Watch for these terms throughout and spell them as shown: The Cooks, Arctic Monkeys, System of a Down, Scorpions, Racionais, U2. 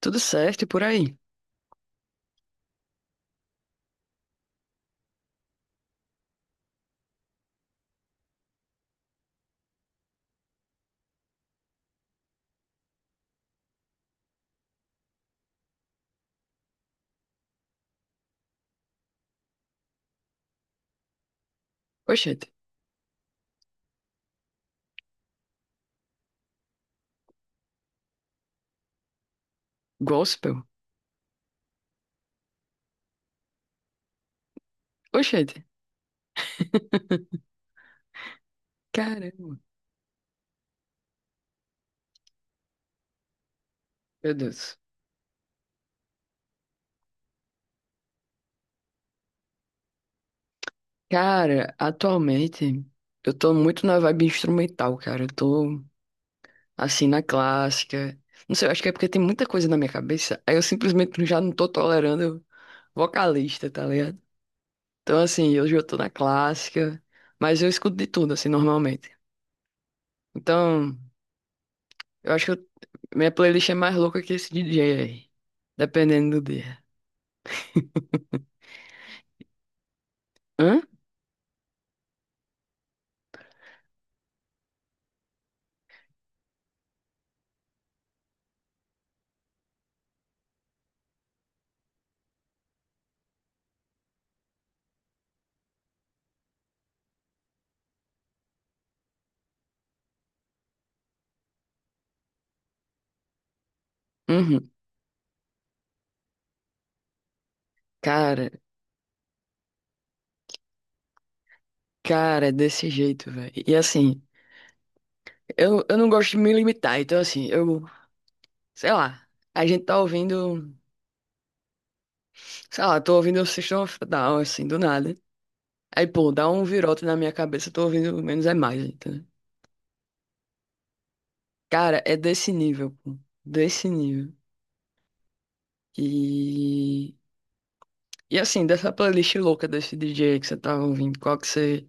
Tudo certo e por aí. Oxente, gospel? Oxente, caramba, meu Deus. Cara, atualmente eu tô muito na vibe instrumental, cara. Eu tô assim na clássica. Não sei, eu acho que é porque tem muita coisa na minha cabeça. Aí eu simplesmente já não tô tolerando vocalista, tá ligado? Então, assim, hoje eu tô na clássica, mas eu escuto de tudo, assim, normalmente. Então, eu acho que minha playlist é mais louca que esse DJ aí, dependendo do dia. Hã? Uhum. Cara, cara, é desse jeito, velho. E assim, eu não gosto de me limitar, então assim, eu, sei lá, a gente tá ouvindo, sei lá, tô ouvindo o System of a Down, assim, do nada. Aí, pô, dá um virote na minha cabeça, eu tô ouvindo menos é mais, entendeu? Cara, é desse nível, pô, desse nível. E, e assim, dessa playlist louca desse DJ que você tava ouvindo, qual que você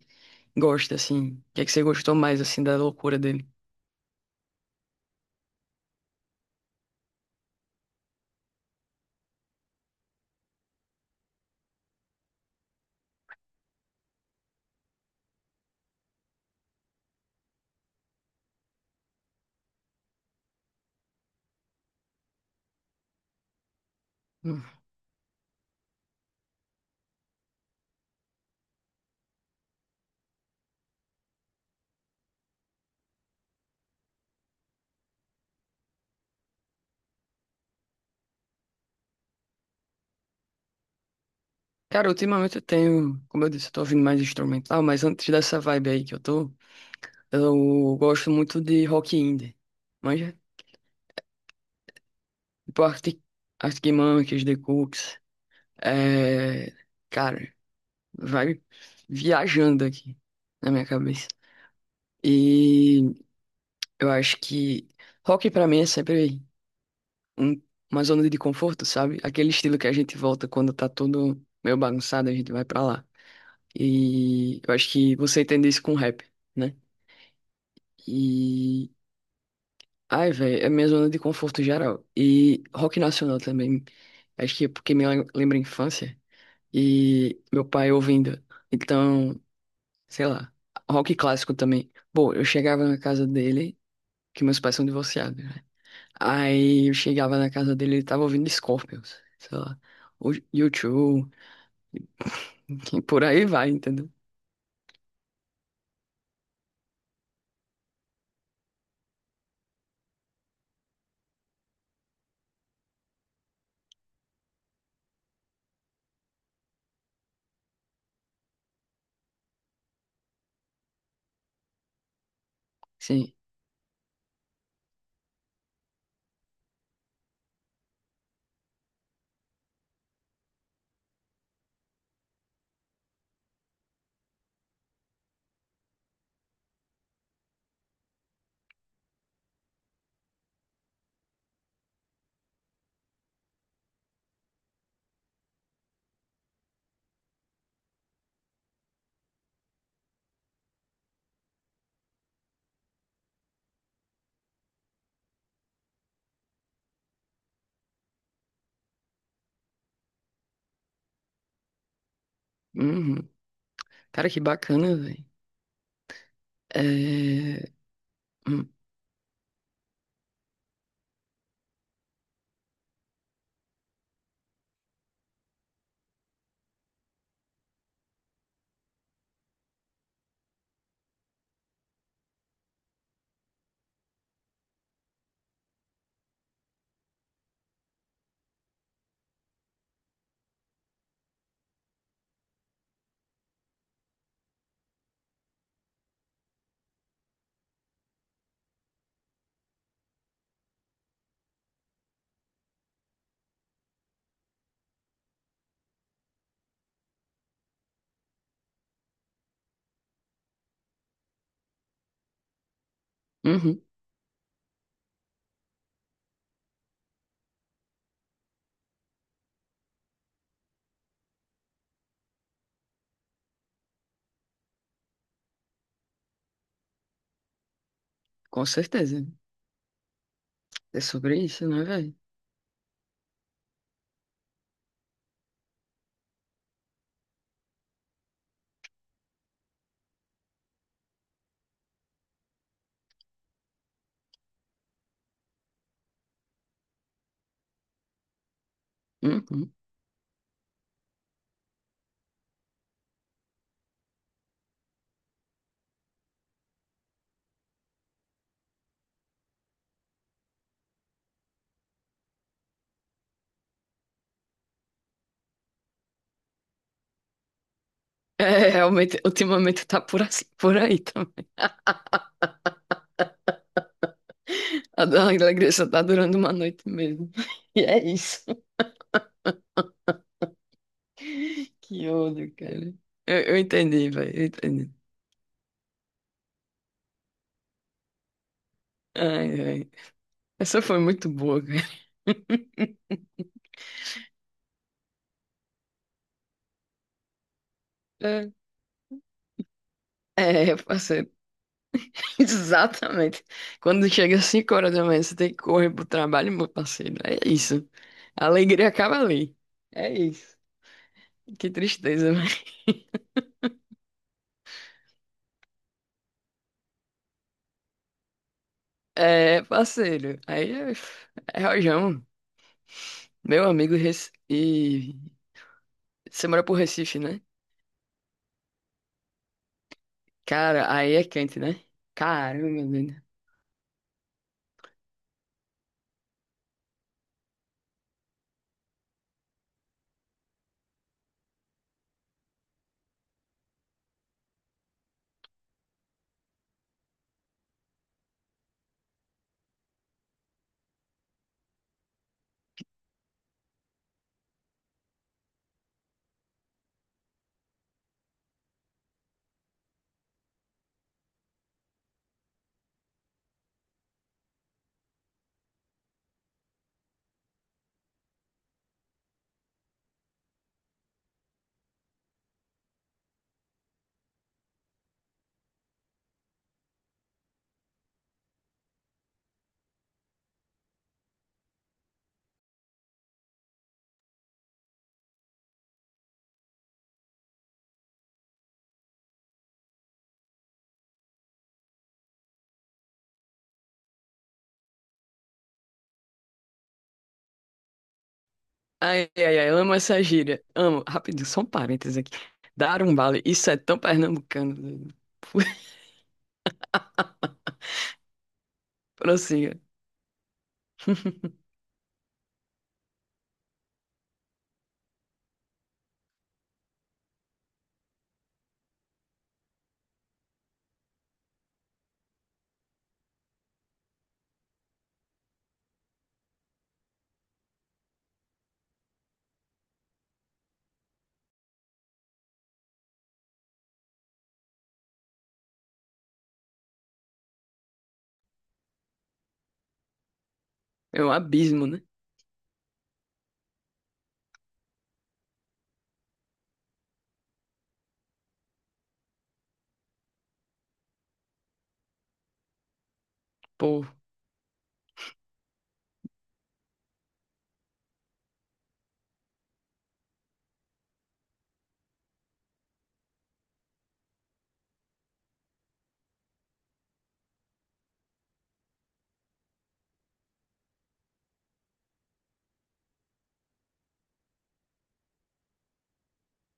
gosta, assim? O que é que você gostou mais, assim, da loucura dele? Hum. Cara, ultimamente eu tenho, como eu disse, eu tô ouvindo mais instrumental, mas antes dessa vibe aí que eu tô, eu gosto muito de rock indie. Manja? Tipo Arctic Monkeys, The Cooks. É... Cara, vai viajando aqui na minha cabeça. E eu acho que rock pra mim é sempre um- uma zona de conforto, sabe? Aquele estilo que a gente volta quando tá tudo meio bagunçado, a gente vai pra lá. E eu acho que você entende isso com rap, né? E. Ai, velho, é minha zona de conforto geral. E rock nacional também. Acho que é porque lembra a infância. E meu pai ouvindo. Então, sei lá. Rock clássico também. Bom, eu chegava na casa dele, que meus pais são divorciados, né? Aí eu chegava na casa dele, ele tava ouvindo Scorpions, sei lá. O U2, e por aí vai, entendeu? Sim. Uhum. Cara, que bacana, velho. É... hum, Uhum. Com certeza. É sobre isso, né, velho? Uhum. É, realmente, ultimamente tá por, assim, por aí também. A da alegria só tá durando uma noite mesmo. E é isso. Que ódio, cara. Eu entendi, velho, eu entendi. Ai, ai. Essa foi muito boa, cara. É, é, parceiro. Exatamente. Quando chega às 5 horas da manhã, você tem que correr pro trabalho, meu parceiro. É isso. A alegria acaba ali. É isso. Que tristeza, velho. É, parceiro. É rojão. Meu amigo Rec... e você mora pro Recife, né? Cara, aí é quente, né? Caramba, meu deus. Ai, ai, ai, amo essa gíria. Amo. Rapidinho, só um parênteses aqui. Dar um vale, isso é tão pernambucano. Doido. Prossiga. É um abismo, né? Pô,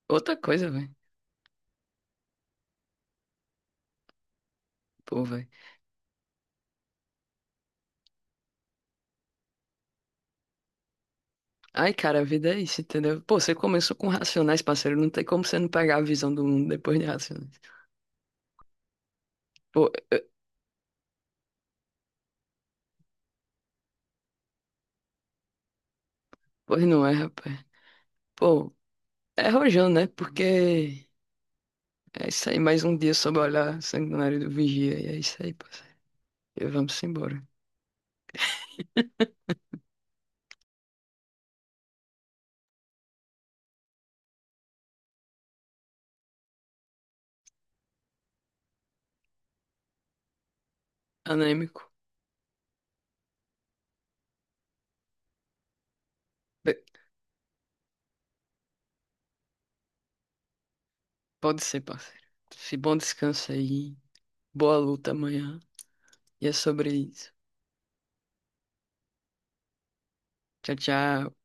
outra coisa, velho. Pô, velho. Ai, cara, a vida é isso, entendeu? Pô, você começou com Racionais, parceiro. Não tem como você não pegar a visão do mundo depois de Racionais. Pô, eu- pois não é, rapaz. Pô, é rojão, né? Porque é isso aí, mais um dia sob o olhar sanguinário do vigia. E é isso aí, parceiro. E vamos embora. Anêmico. Be- Pode ser, parceiro. Se bom descanso aí. Boa luta amanhã. E é sobre isso. Tchau, tchau.